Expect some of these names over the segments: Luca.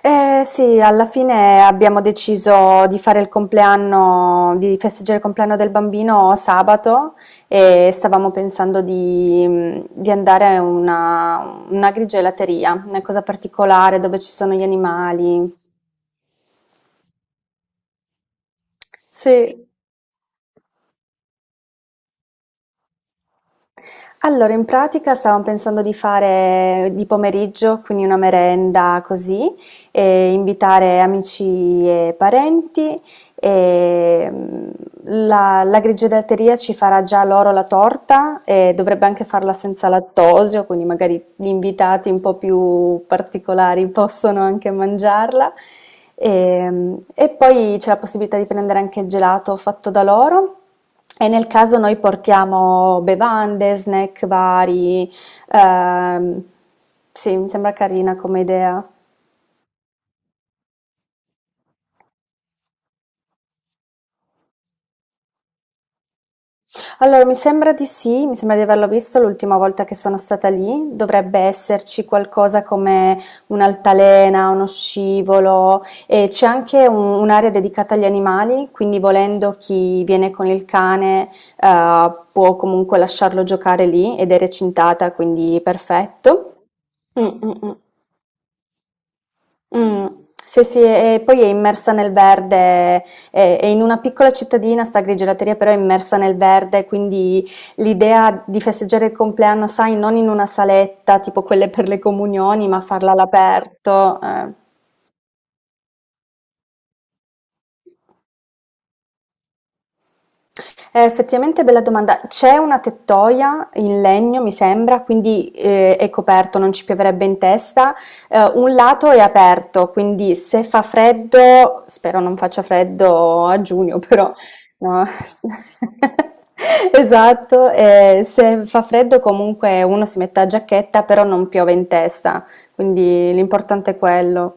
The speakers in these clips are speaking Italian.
Eh sì, alla fine abbiamo deciso di fare il compleanno, di festeggiare il compleanno del bambino sabato e stavamo pensando di andare a una grigelateria, una cosa particolare dove ci sono gli animali. Sì. Allora, in pratica stavamo pensando di fare di pomeriggio, quindi una merenda così, e invitare amici e parenti. E la grigiodatteria ci farà già loro la torta e dovrebbe anche farla senza lattosio, quindi magari gli invitati un po' più particolari possono anche mangiarla. E poi c'è la possibilità di prendere anche il gelato fatto da loro. E nel caso noi portiamo bevande, snack vari, ehm, sì, mi sembra carina come idea. Allora, mi sembra di sì, mi sembra di averlo visto l'ultima volta che sono stata lì. Dovrebbe esserci qualcosa come un'altalena, uno scivolo e c'è anche un'area dedicata agli animali, quindi volendo chi viene con il cane, può comunque lasciarlo giocare lì ed è recintata, quindi perfetto. Mm, mm, mm. Mh. Sì, sì, e poi è immersa nel verde, è in una piccola cittadina, 'sta grigielateria, però è immersa nel verde, quindi l'idea di festeggiare il compleanno, sai, non in una saletta tipo quelle per le comunioni, ma farla all'aperto. Effettivamente bella domanda. C'è una tettoia in legno, mi sembra, quindi è coperto, non ci pioverebbe in testa. Un lato è aperto, quindi se fa freddo, spero non faccia freddo a giugno, però no. Esatto, se fa freddo comunque uno si mette la giacchetta, però non piove in testa, quindi l'importante è quello.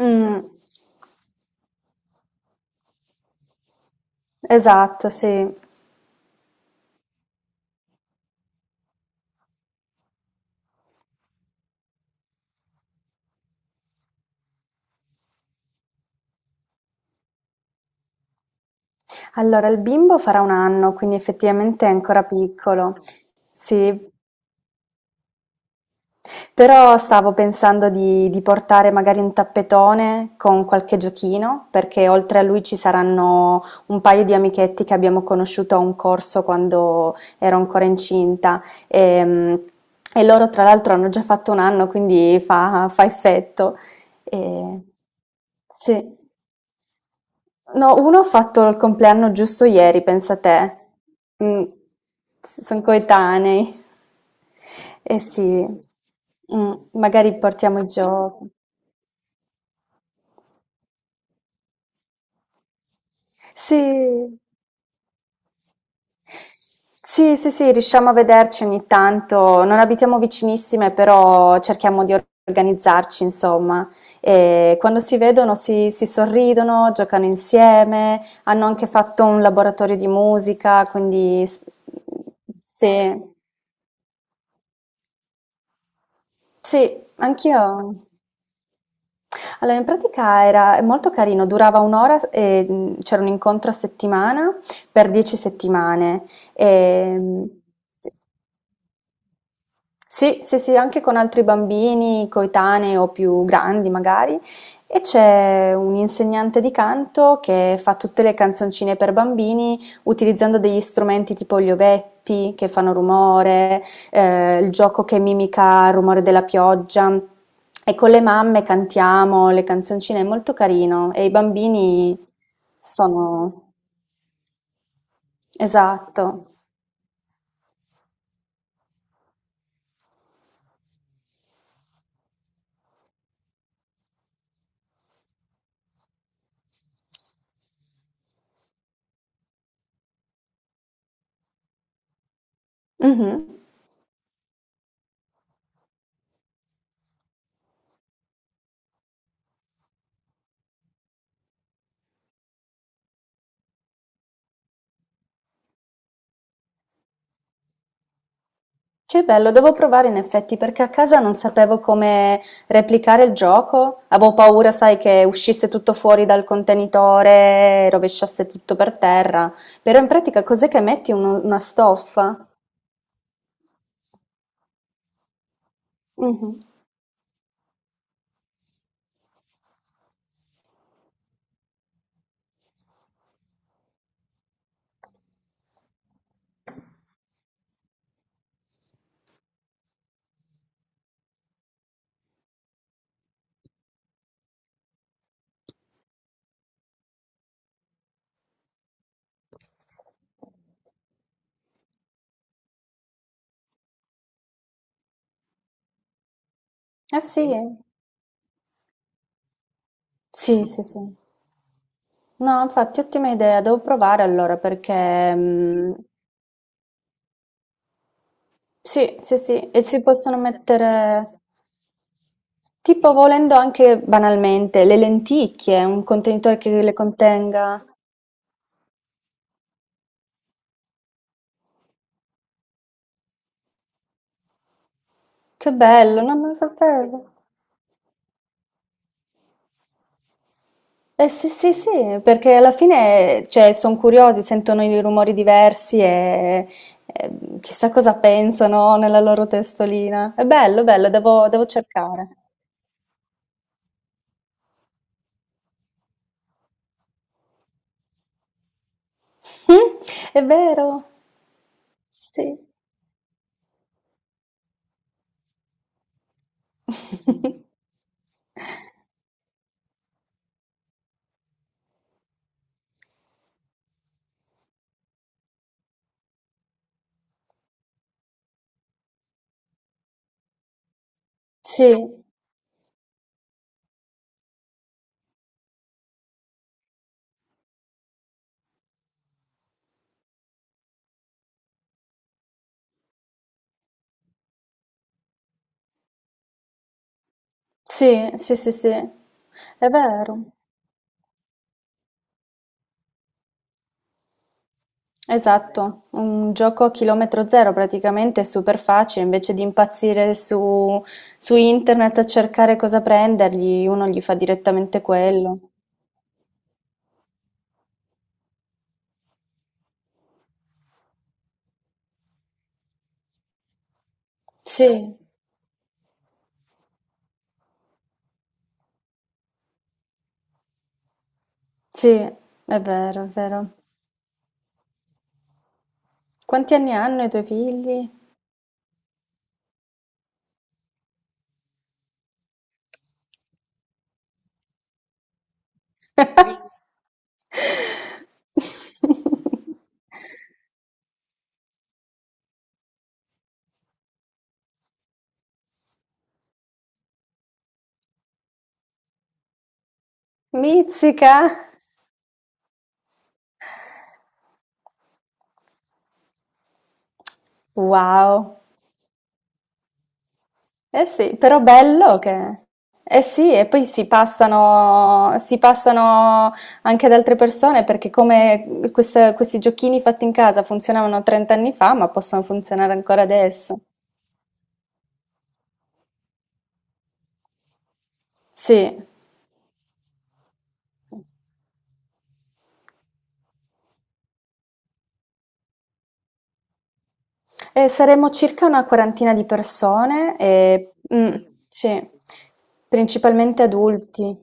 Mm, esatto, sì. Allora, il bimbo farà 1 anno, quindi effettivamente è ancora piccolo. Sì, però stavo pensando di portare magari un tappetone con qualche giochino, perché oltre a lui ci saranno un paio di amichetti che abbiamo conosciuto a un corso quando ero ancora incinta, ehm, e loro tra l'altro hanno già fatto 1 anno, quindi fa effetto. Ehm, sì. No, uno ho fatto il compleanno giusto ieri, pensa te. Mh. s Son coetanei. Eh sì. Magari portiamo i giochi. Sì. Sì, sì, sì, riusciamo a vederci ogni tanto. Non abitiamo vicinissime, però cerchiamo di organizzarci, insomma. E quando si vedono si sorridono, giocano insieme, hanno anche fatto un laboratorio di musica, quindi. S Mhmm, sì. Sì, anch'io. Allora, in pratica era è molto carino, durava un'ora e c'era un incontro a settimana per 10 settimane. E, sì, sì, sì, anche con altri bambini coetanei o più grandi magari. E c'è un insegnante di canto che fa tutte le canzoncine per bambini utilizzando degli strumenti tipo gli ovetti che fanno rumore, il gioco che mimica il rumore della pioggia. E con le mamme cantiamo le canzoncine, è molto carino. E i bambini sono. Esatto. Mhm. Che bello, devo provare in effetti perché a casa non sapevo come replicare il gioco. Avevo paura, sai, che uscisse tutto fuori dal contenitore, rovesciasse tutto per terra. Però in pratica cos'è che metti? Una stoffa? Mhm. Ah sì? Eh? Sì, sì, sì. No, infatti, ottima idea, devo provare allora, perché. Sì, sì, sì, e si possono mettere. Tipo volendo anche banalmente le lenticchie, un contenitore che le contenga. Che bello, no, non lo sapevo. Eh sì, sì, sì, perché alla fine, cioè, sono curiosi, sentono i rumori diversi e chissà cosa pensano nella loro testolina. È bello, bello, devo cercare. Mm. È vero, sì. Sì, sì, sì, sì, sì, è vero. Esatto, un gioco a chilometro zero praticamente, è super facile, invece di impazzire su internet a cercare cosa prendergli, uno gli fa direttamente quello. Sì, sì, è vero, è vero. Quanti anni hanno i tuoi figli? Mizzica! Wow. Eh sì, però bello che. Eh sì, e poi si passano anche ad altre persone perché come questi giochini fatti in casa funzionavano 30 anni fa, ma possono funzionare ancora adesso. Sì. Saremo circa una quarantina di persone, e sì, principalmente adulti.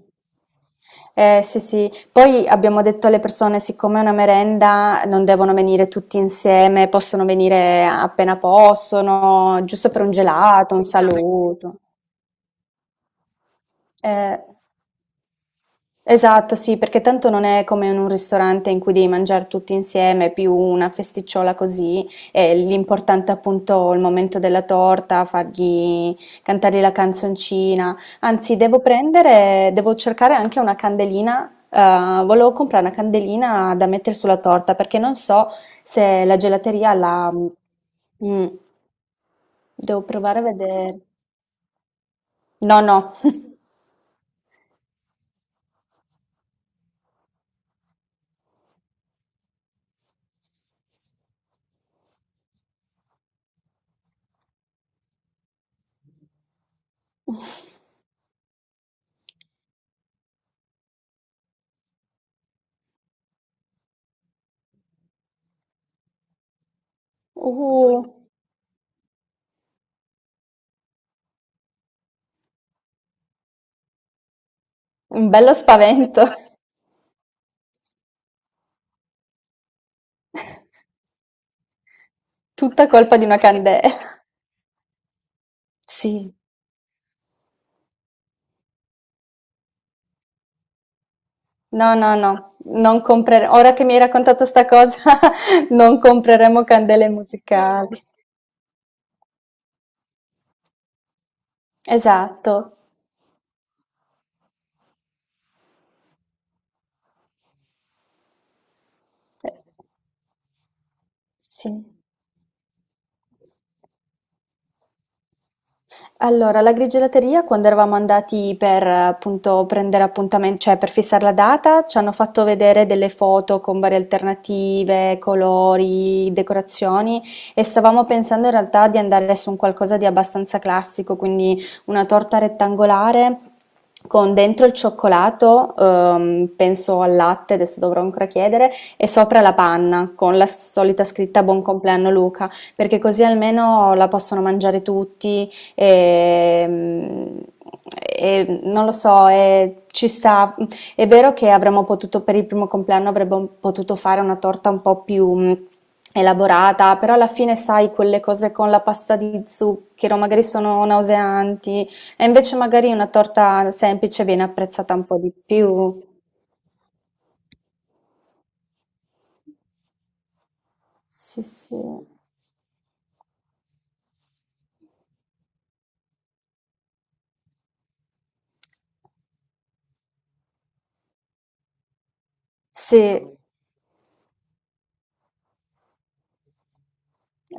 Sì, sì. Poi abbiamo detto alle persone, siccome è una merenda, non devono venire tutti insieme, possono venire appena possono, giusto per un gelato, un saluto. Eh, Esatto, sì, perché tanto non è come in un ristorante in cui devi mangiare tutti insieme, è più una festicciola così, e l'importante è appunto il momento della torta, fargli cantare la canzoncina. Anzi, devo prendere, devo cercare anche una candelina, volevo comprare una candelina da mettere sulla torta, perché non so se la gelateria la. Mm, devo provare a vedere. No, no. Uh, un bello spavento. Tutta colpa di una candela. Sì, no, no, no, non compreremo. Ora che mi hai raccontato sta cosa, non compreremo candele musicali. Esatto. Eh, Sì. Allora, alla grigielateria quando eravamo andati per appunto prendere appuntamen cioè per fissare la data, ci hanno fatto vedere delle foto con varie alternative, colori, decorazioni, e stavamo pensando in realtà di andare su un qualcosa di abbastanza classico, quindi una torta rettangolare con dentro il cioccolato, penso al latte, adesso dovrò ancora chiedere, e sopra la panna con la solita scritta Buon compleanno Luca, perché così almeno la possono mangiare tutti. Ehm, e non lo so, e ci sta. È vero che avremmo potuto, per il primo compleanno, avremmo potuto fare una torta un po' più elaborata, però alla fine, sai, quelle cose con la pasta di zucchero magari sono nauseanti, e invece magari una torta semplice viene apprezzata un po' di più. Sì, sì. Sì.